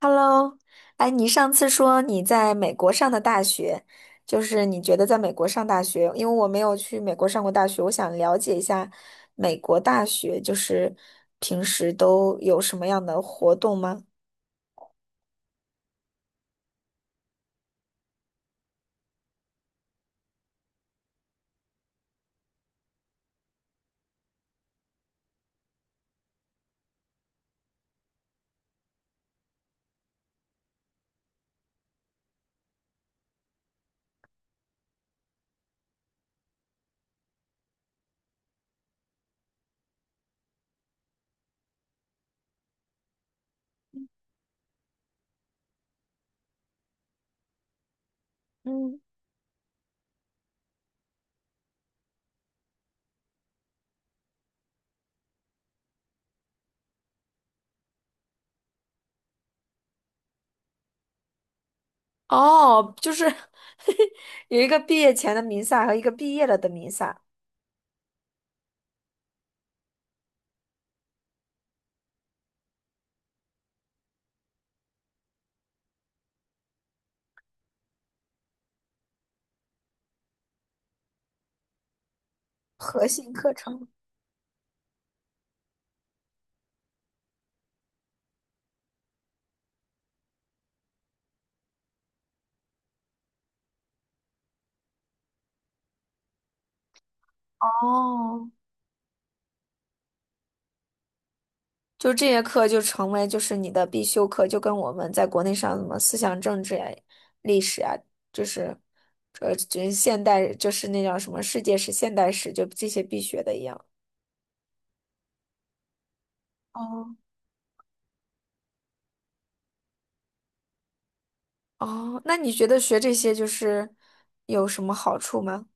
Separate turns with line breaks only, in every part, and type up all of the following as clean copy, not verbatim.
Hello，哎，你上次说你在美国上的大学，就是你觉得在美国上大学，因为我没有去美国上过大学，我想了解一下美国大学，就是平时都有什么样的活动吗？嗯，哦，就是 有一个毕业前的弥撒和一个毕业了的弥撒，核心课程。哦，就这些课就成为就是你的必修课，就跟我们在国内上什么思想政治呀、历史呀，就是这现代就是那叫什么世界史、现代史，就这些必学的一样。哦，哦，那你觉得学这些就是有什么好处吗？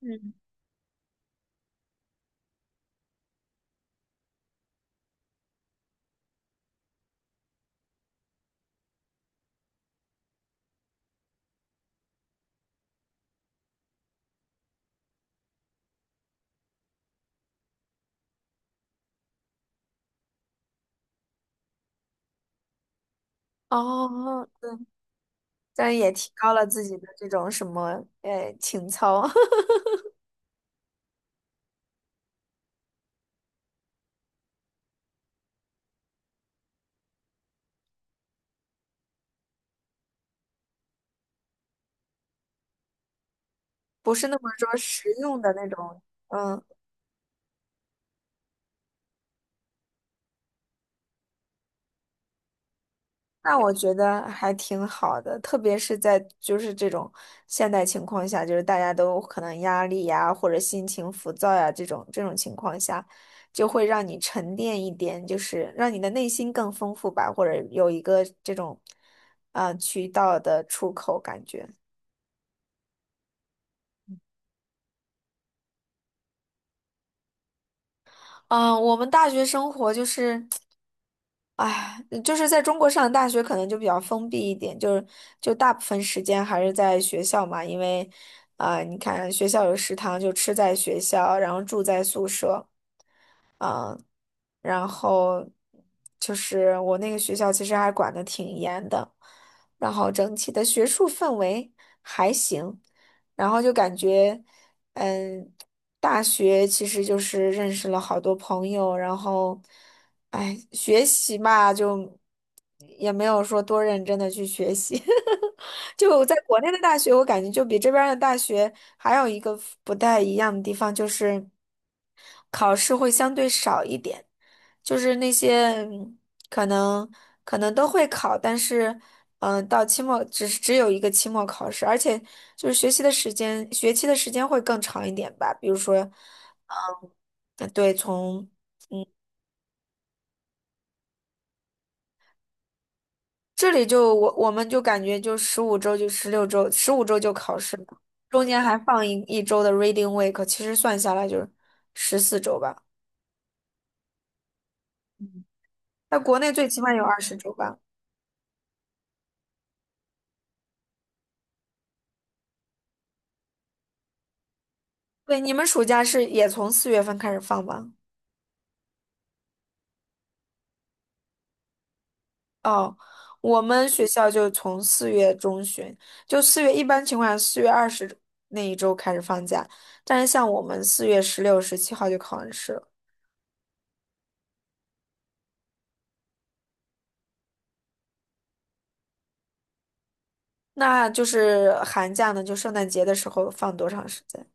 嗯，哦，但也提高了自己的这种什么情操，不是那么说实用的那种。嗯。那我觉得还挺好的，特别是在就是这种现代情况下，就是大家都可能压力呀，或者心情浮躁呀，这种这种情况下，就会让你沉淀一点，就是让你的内心更丰富吧，或者有一个这种，渠道的出口感觉。嗯，我们大学生活就是，哎，就是在中国上大学可能就比较封闭一点，就是就大部分时间还是在学校嘛，因为，啊、你看学校有食堂就吃在学校，然后住在宿舍。然后就是我那个学校其实还管得挺严的，然后整体的学术氛围还行，然后就感觉，嗯，大学其实就是认识了好多朋友，然后，哎，学习嘛，就也没有说多认真的去学习，就在国内的大学，我感觉就比这边儿的大学还有一个不太一样的地方就是。考试会相对少一点。就是那些可能可能都会考，但是到期末只有一个期末考试，而且就是学习的时间，学期的时间会更长一点吧。比如说，嗯，对，从这里就我们就感觉就十五周就16周，十五周就考试了，中间还放一周的 reading week，其实算下来就是14周吧。在国内最起码有20周吧。对，你们暑假是也从4月份开始放吗？哦，我们学校就从4月中旬，就四月一般情况下4月20那一周开始放假，但是像我们4月16、17号就考完试了，那就是寒假呢，就圣诞节的时候放多长时间？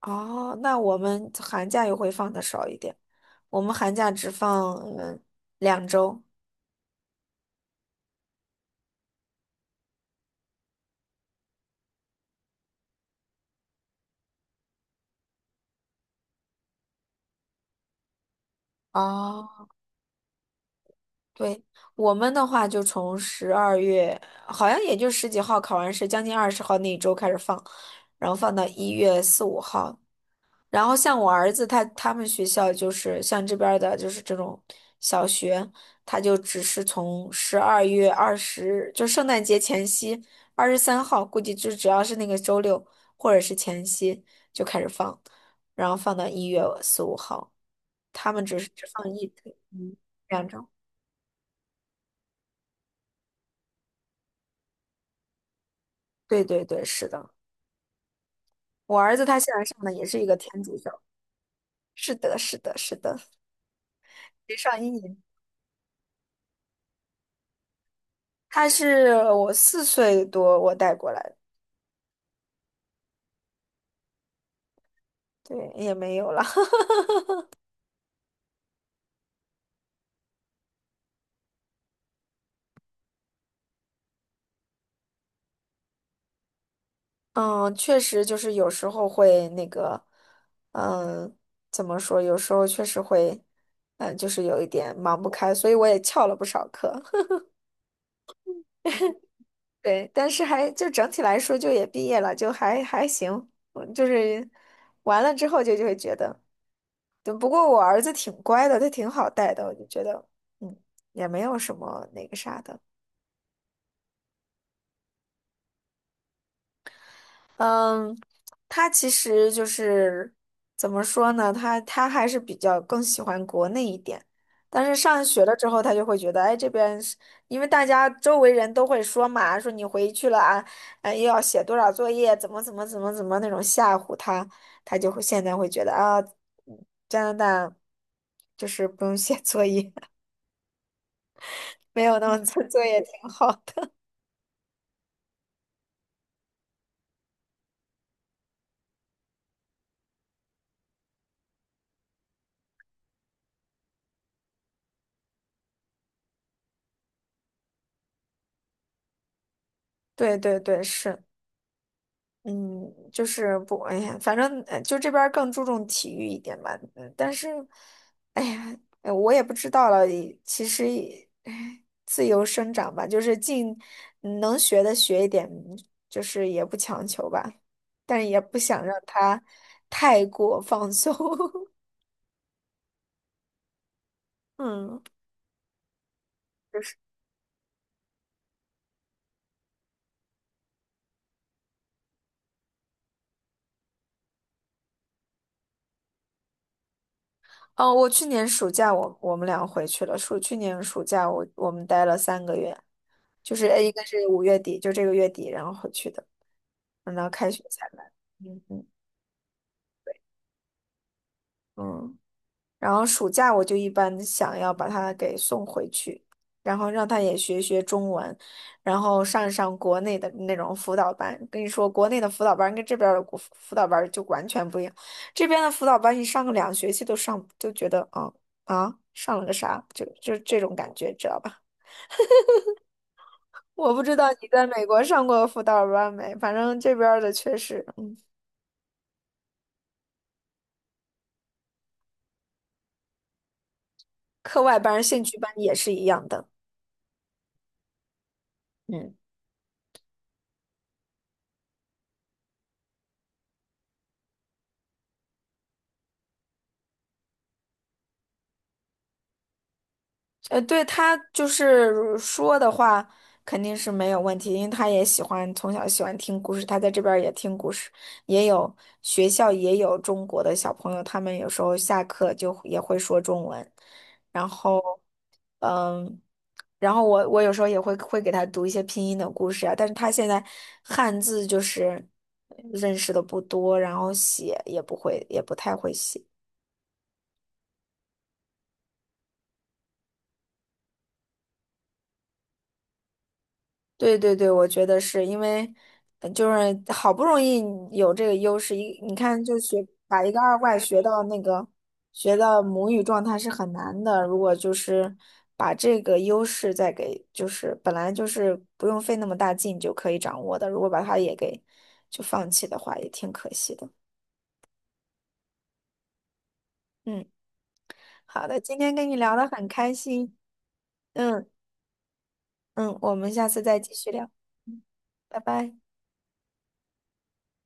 哦，那我们寒假又会放的少一点，我们寒假只放两周。哦。对，我们的话就从十二月，好像也就十几号考完试，将近20号那一周开始放，然后放到一月四五号。然后像我儿子他们学校就是像这边儿的，就是这种小学，他就只是从12月20，就圣诞节前夕23号，估计就只要是那个周六或者是前夕就开始放，然后放到一月四五号，他们只是只放嗯两周。对对对，是的。我儿子他现在上的也是一个天主教。是的，是的，是的，得上1年。他是我4岁多我带过来的，对，也没有了。嗯，确实就是有时候会那个，嗯，怎么说？有时候确实会，嗯，就是有一点忙不开，所以我也翘了不少课。对，但是还就整体来说，就也毕业了，就还行。嗯就是完了之后就会觉得。对，不过我儿子挺乖的，他挺好带的，我就觉得，嗯，也没有什么那个啥的。嗯，他其实就是怎么说呢，他还是比较更喜欢国内一点，但是上学了之后，他就会觉得，哎，这边是因为大家周围人都会说嘛，说你回去了啊，又要写多少作业，怎么怎么怎么怎么那种吓唬他，他就会现在会觉得啊，加拿大就是不用写作业。没有那么做作也挺好的。对对对，是，嗯，就是不，哎呀，反正就这边儿更注重体育一点吧。嗯，但是，哎呀，我也不知道了。其实也，哎自由生长吧，就是尽能学的学一点，就是也不强求吧，但是也不想让他太过放松。嗯。就是，哦，我去年暑假我们俩回去了。去年暑假我们待了3个月。就是应该是5月底，就这个月底，然后回去的，等到开学才来。嗯嗯嗯。然后暑假我就一般想要把他给送回去，然后让他也学学中文，然后上国内的那种辅导班。跟你说，国内的辅导班跟这边儿的国辅导班儿就完全不一样。这边的辅导班，你上个2学期都上，就觉得啊啊，上了个啥，就这种感觉，知道吧？我不知道你在美国上过辅导班没，反正这边儿的确实。课外班儿兴趣班也是一样的。嗯，呃，对他就是说的话肯定是没有问题，因为他也喜欢从小喜欢听故事，他在这边儿也听故事，也有学校也有中国的小朋友，他们有时候下课就也会说中文，然后。然后我有时候也会给他读一些拼音的故事啊，但是他现在汉字就是认识的不多，然后写也不会，也不太会写。对对对，我觉得是因为，就是好不容易有这个优势，一你看就学把一个二外学到那个学到母语状态是很难的。如果就是把这个优势再给，就是本来就是不用费那么大劲就可以掌握的，如果把它也给就放弃的话，也挺可惜的。嗯，好的，今天跟你聊得很开心。嗯嗯，我们下次再继续聊。嗯，拜拜。